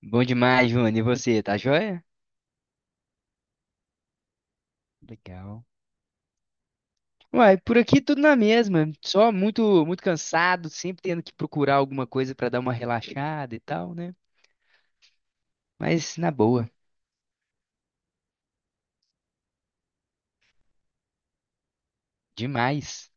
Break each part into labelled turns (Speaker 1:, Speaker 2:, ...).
Speaker 1: Bom demais, Júnior. E você, tá joia? Legal. Uai, por aqui tudo na mesma. Só muito, muito cansado, sempre tendo que procurar alguma coisa pra dar uma relaxada e tal, né? Mas na boa, demais.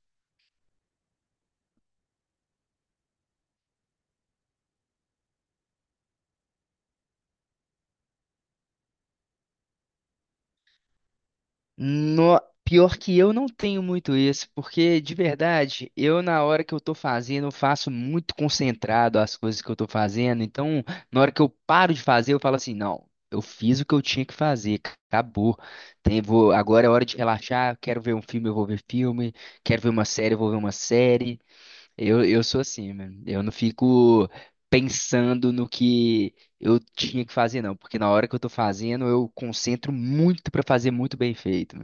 Speaker 1: No... Pior que eu não tenho muito isso, porque de verdade, eu na hora que eu tô fazendo, eu faço muito concentrado as coisas que eu tô fazendo. Então, na hora que eu paro de fazer, eu falo assim, não, eu fiz o que eu tinha que fazer, acabou. Agora é hora de relaxar, quero ver um filme, eu vou ver filme, quero ver uma série, eu vou ver uma série. Eu sou assim, mano. Eu não fico pensando no que eu tinha que fazer, não, porque na hora que eu tô fazendo, eu concentro muito pra fazer muito bem feito.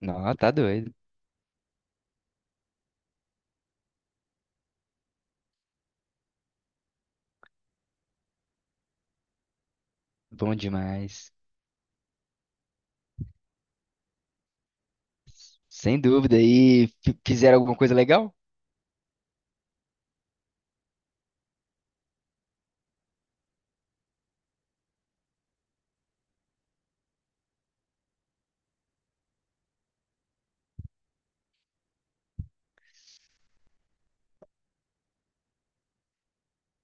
Speaker 1: Não, tá doido. Bom demais. Sem dúvida. E fizeram alguma coisa legal?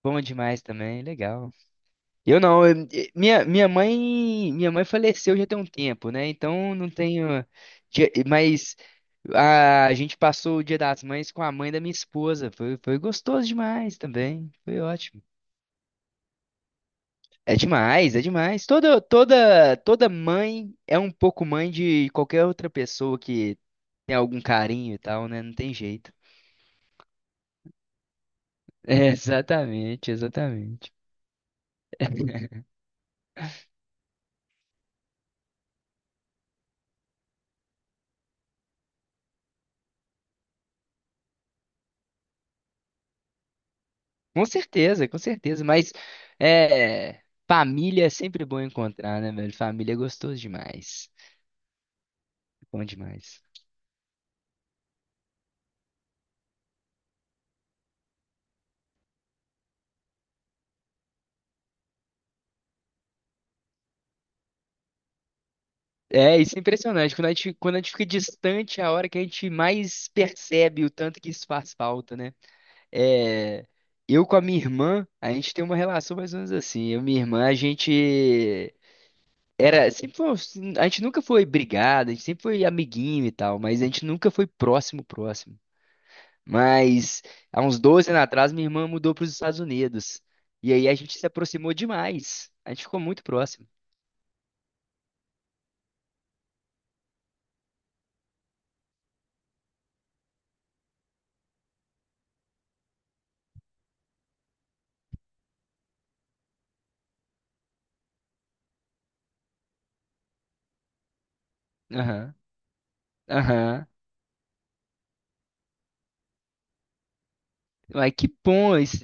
Speaker 1: Bom demais também, legal. Eu não, minha mãe faleceu já tem um tempo, né? Então não tenho, mas a gente passou o Dia das Mães com a mãe da minha esposa. Foi gostoso demais também. Foi ótimo. É demais, é demais. Toda mãe é um pouco mãe de qualquer outra pessoa que tem algum carinho e tal, né? Não tem jeito. É, exatamente, exatamente. Com certeza, com certeza. Mas é, família é sempre bom encontrar, né, velho? Família é gostoso demais. Bom demais. É, isso é impressionante. Quando a gente fica distante, é a hora que a gente mais percebe o tanto que isso faz falta, né? É, eu com a minha irmã, a gente tem uma relação mais ou menos assim. Eu e minha irmã, sempre foi, a gente nunca foi brigado, a gente sempre foi amiguinho e tal, mas a gente nunca foi próximo, próximo. Mas há uns 12 anos atrás, minha irmã mudou para os Estados Unidos. E aí a gente se aproximou demais. A gente ficou muito próximo. Aham, aham. Mas que bom isso,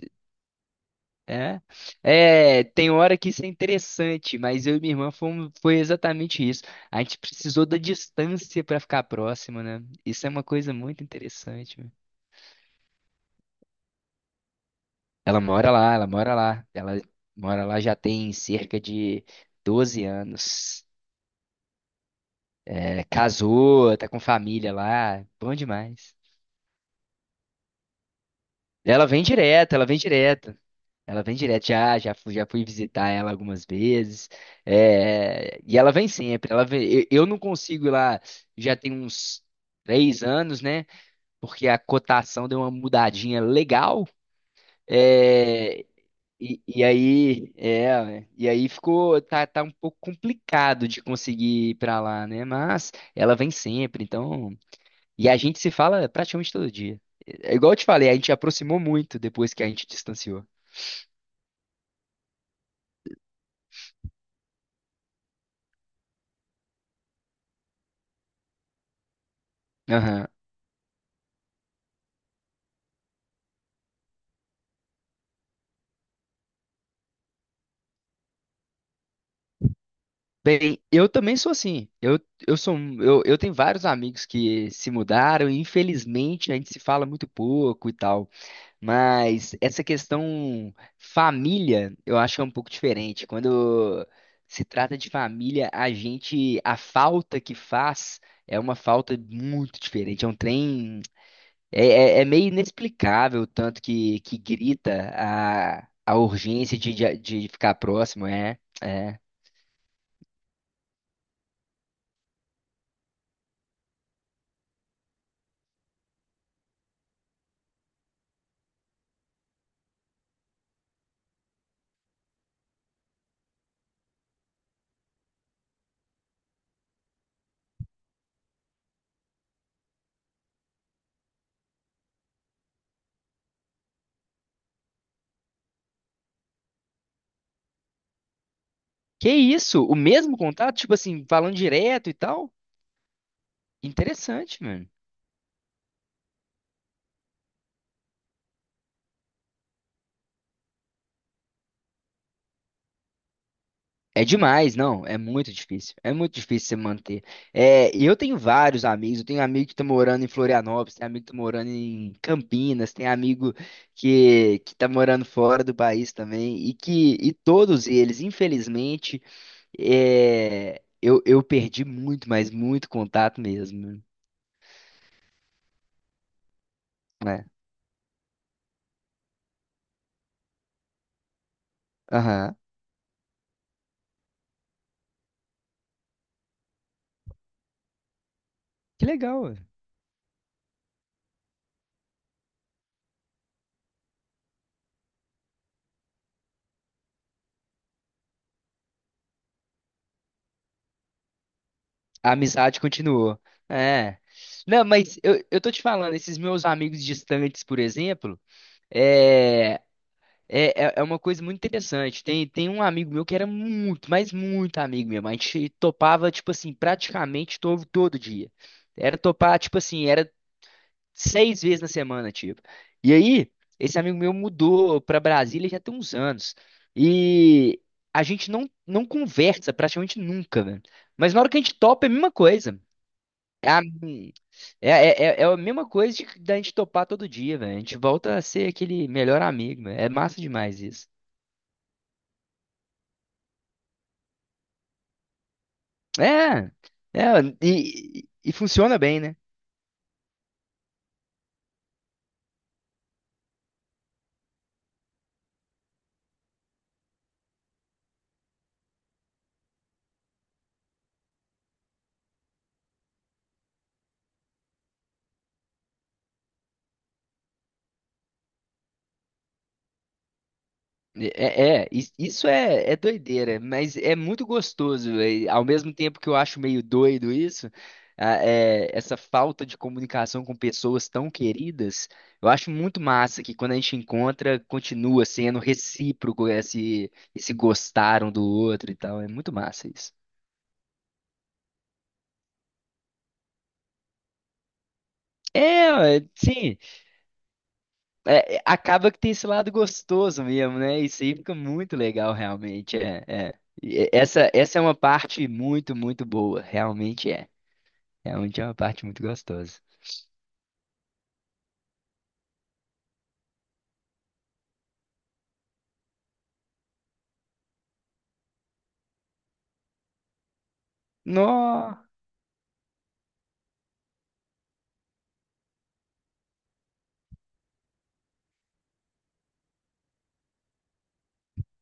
Speaker 1: é. É, tem hora que isso é interessante, mas eu e minha irmã fomos, foi exatamente isso. A gente precisou da distância para ficar próximo, né? Isso é uma coisa muito interessante, né? Ela mora lá, ela mora lá. Ela mora lá já tem cerca de 12 anos. É, casou, tá com família lá, bom demais. Ela vem direto, ela vem direto. Ela vem direto, já fui visitar ela algumas vezes. É, e ela vem sempre. Ela vem, eu não consigo ir lá, já tem uns 3 anos, né? Porque a cotação deu uma mudadinha legal. É, e aí ficou, tá um pouco complicado de conseguir ir pra lá, né? Mas ela vem sempre, então. E a gente se fala praticamente todo dia. É igual eu te falei, a gente aproximou muito depois que a gente distanciou. Aham. Bem, eu também sou assim. Eu sou, um- eu tenho vários amigos que se mudaram e infelizmente a gente se fala muito pouco e tal. Mas essa questão família, eu acho que é um pouco diferente. Quando se trata de família, a falta que faz é uma falta muito diferente. É um trem. É, é meio inexplicável o tanto que grita a urgência de ficar próximo, é, é. Que isso? O mesmo contato? Tipo assim, falando direto e tal? Interessante, mano. É demais, não, é muito difícil. É muito difícil você manter. É, e eu tenho vários amigos, eu tenho amigo que tá morando em Florianópolis, tem amigo que tá morando em Campinas, tem amigo que tá morando fora do país também, e que e todos eles, infelizmente, é, eu perdi muito, mas muito contato mesmo, né? Aham. Que legal, ué. A amizade continuou. É. Não, mas eu tô te falando, esses meus amigos distantes, por exemplo, é, é uma coisa muito interessante. Tem um amigo meu que era muito, mas muito amigo mesmo. A gente topava, tipo assim, praticamente todo dia. Era topar, tipo assim, era 6 vezes na semana, tipo. E aí, esse amigo meu mudou pra Brasília já tem uns anos. E a gente não conversa praticamente nunca, velho. Mas na hora que a gente topa, é a mesma coisa. É a, é, é, é é a mesma coisa de, da gente topar todo dia, velho. A gente volta a ser aquele melhor amigo, velho. É massa demais isso. É, é, e funciona bem, né? Isso é doideira, mas é muito gostoso. É, ao mesmo tempo que eu acho meio doido isso, essa falta de comunicação com pessoas tão queridas, eu acho muito massa que quando a gente encontra, continua sendo recíproco esse gostaram do outro e tal. É muito massa isso. É, ó, é, sim. Acaba que tem esse lado gostoso mesmo, né? Isso aí fica muito legal, realmente. É, é. E essa é uma parte muito, muito boa. Realmente é. Realmente é uma parte muito gostosa. No...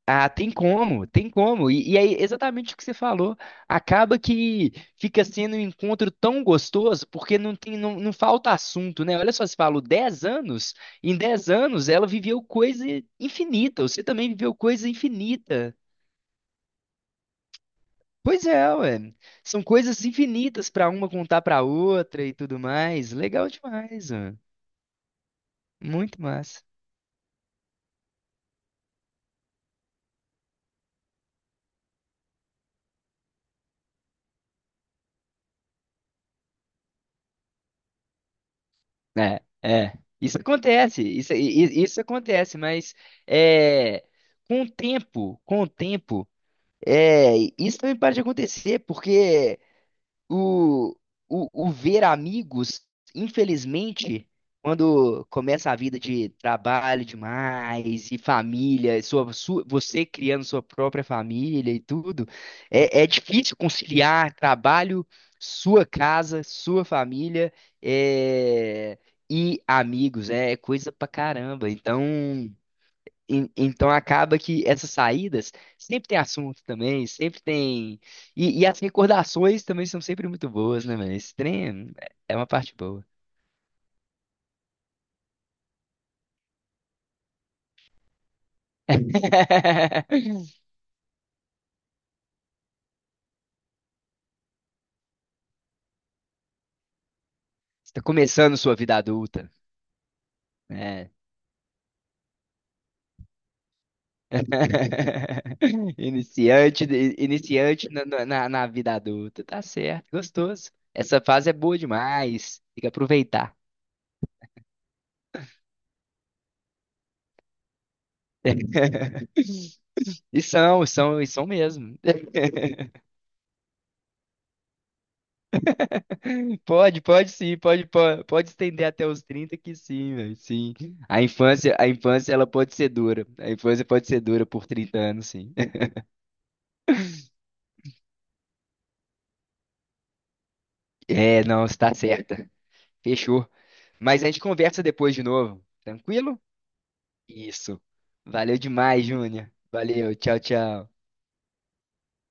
Speaker 1: Ah, tem como, tem como. Exatamente o que você falou. Acaba que fica sendo um encontro tão gostoso, porque não tem, não, não falta assunto, né? Olha só, você falou 10 anos. Em 10 anos, ela viveu coisa infinita. Você também viveu coisa infinita. Pois é, ué. São coisas infinitas pra uma contar pra outra e tudo mais. Legal demais, ué. Muito massa. É, é. Isso acontece, isso acontece, mas é, com o tempo, isso também para de acontecer, porque O, o ver amigos, infelizmente, quando começa a vida de trabalho demais e família, e você criando sua própria família e tudo, é difícil conciliar trabalho, sua casa, sua família, é, e amigos, né? É coisa pra caramba. Então. Então acaba que essas saídas sempre tem assunto também, sempre tem. E as recordações também são sempre muito boas, né, mano? Esse trem é uma parte boa. Você tá começando sua vida adulta, né? Iniciante, iniciante na vida adulta. Tá certo, gostoso. Essa fase é boa demais. Tem que aproveitar. E são, e são, e são mesmo. Pode, pode sim, pode, pode, pode estender até os 30 que sim, velho, sim. A infância ela pode ser dura. A infância pode ser dura por 30 anos, sim. É, não, você tá certa. Fechou. Mas a gente conversa depois de novo. Tranquilo? Isso. Valeu demais, Júnior. Valeu, tchau, tchau.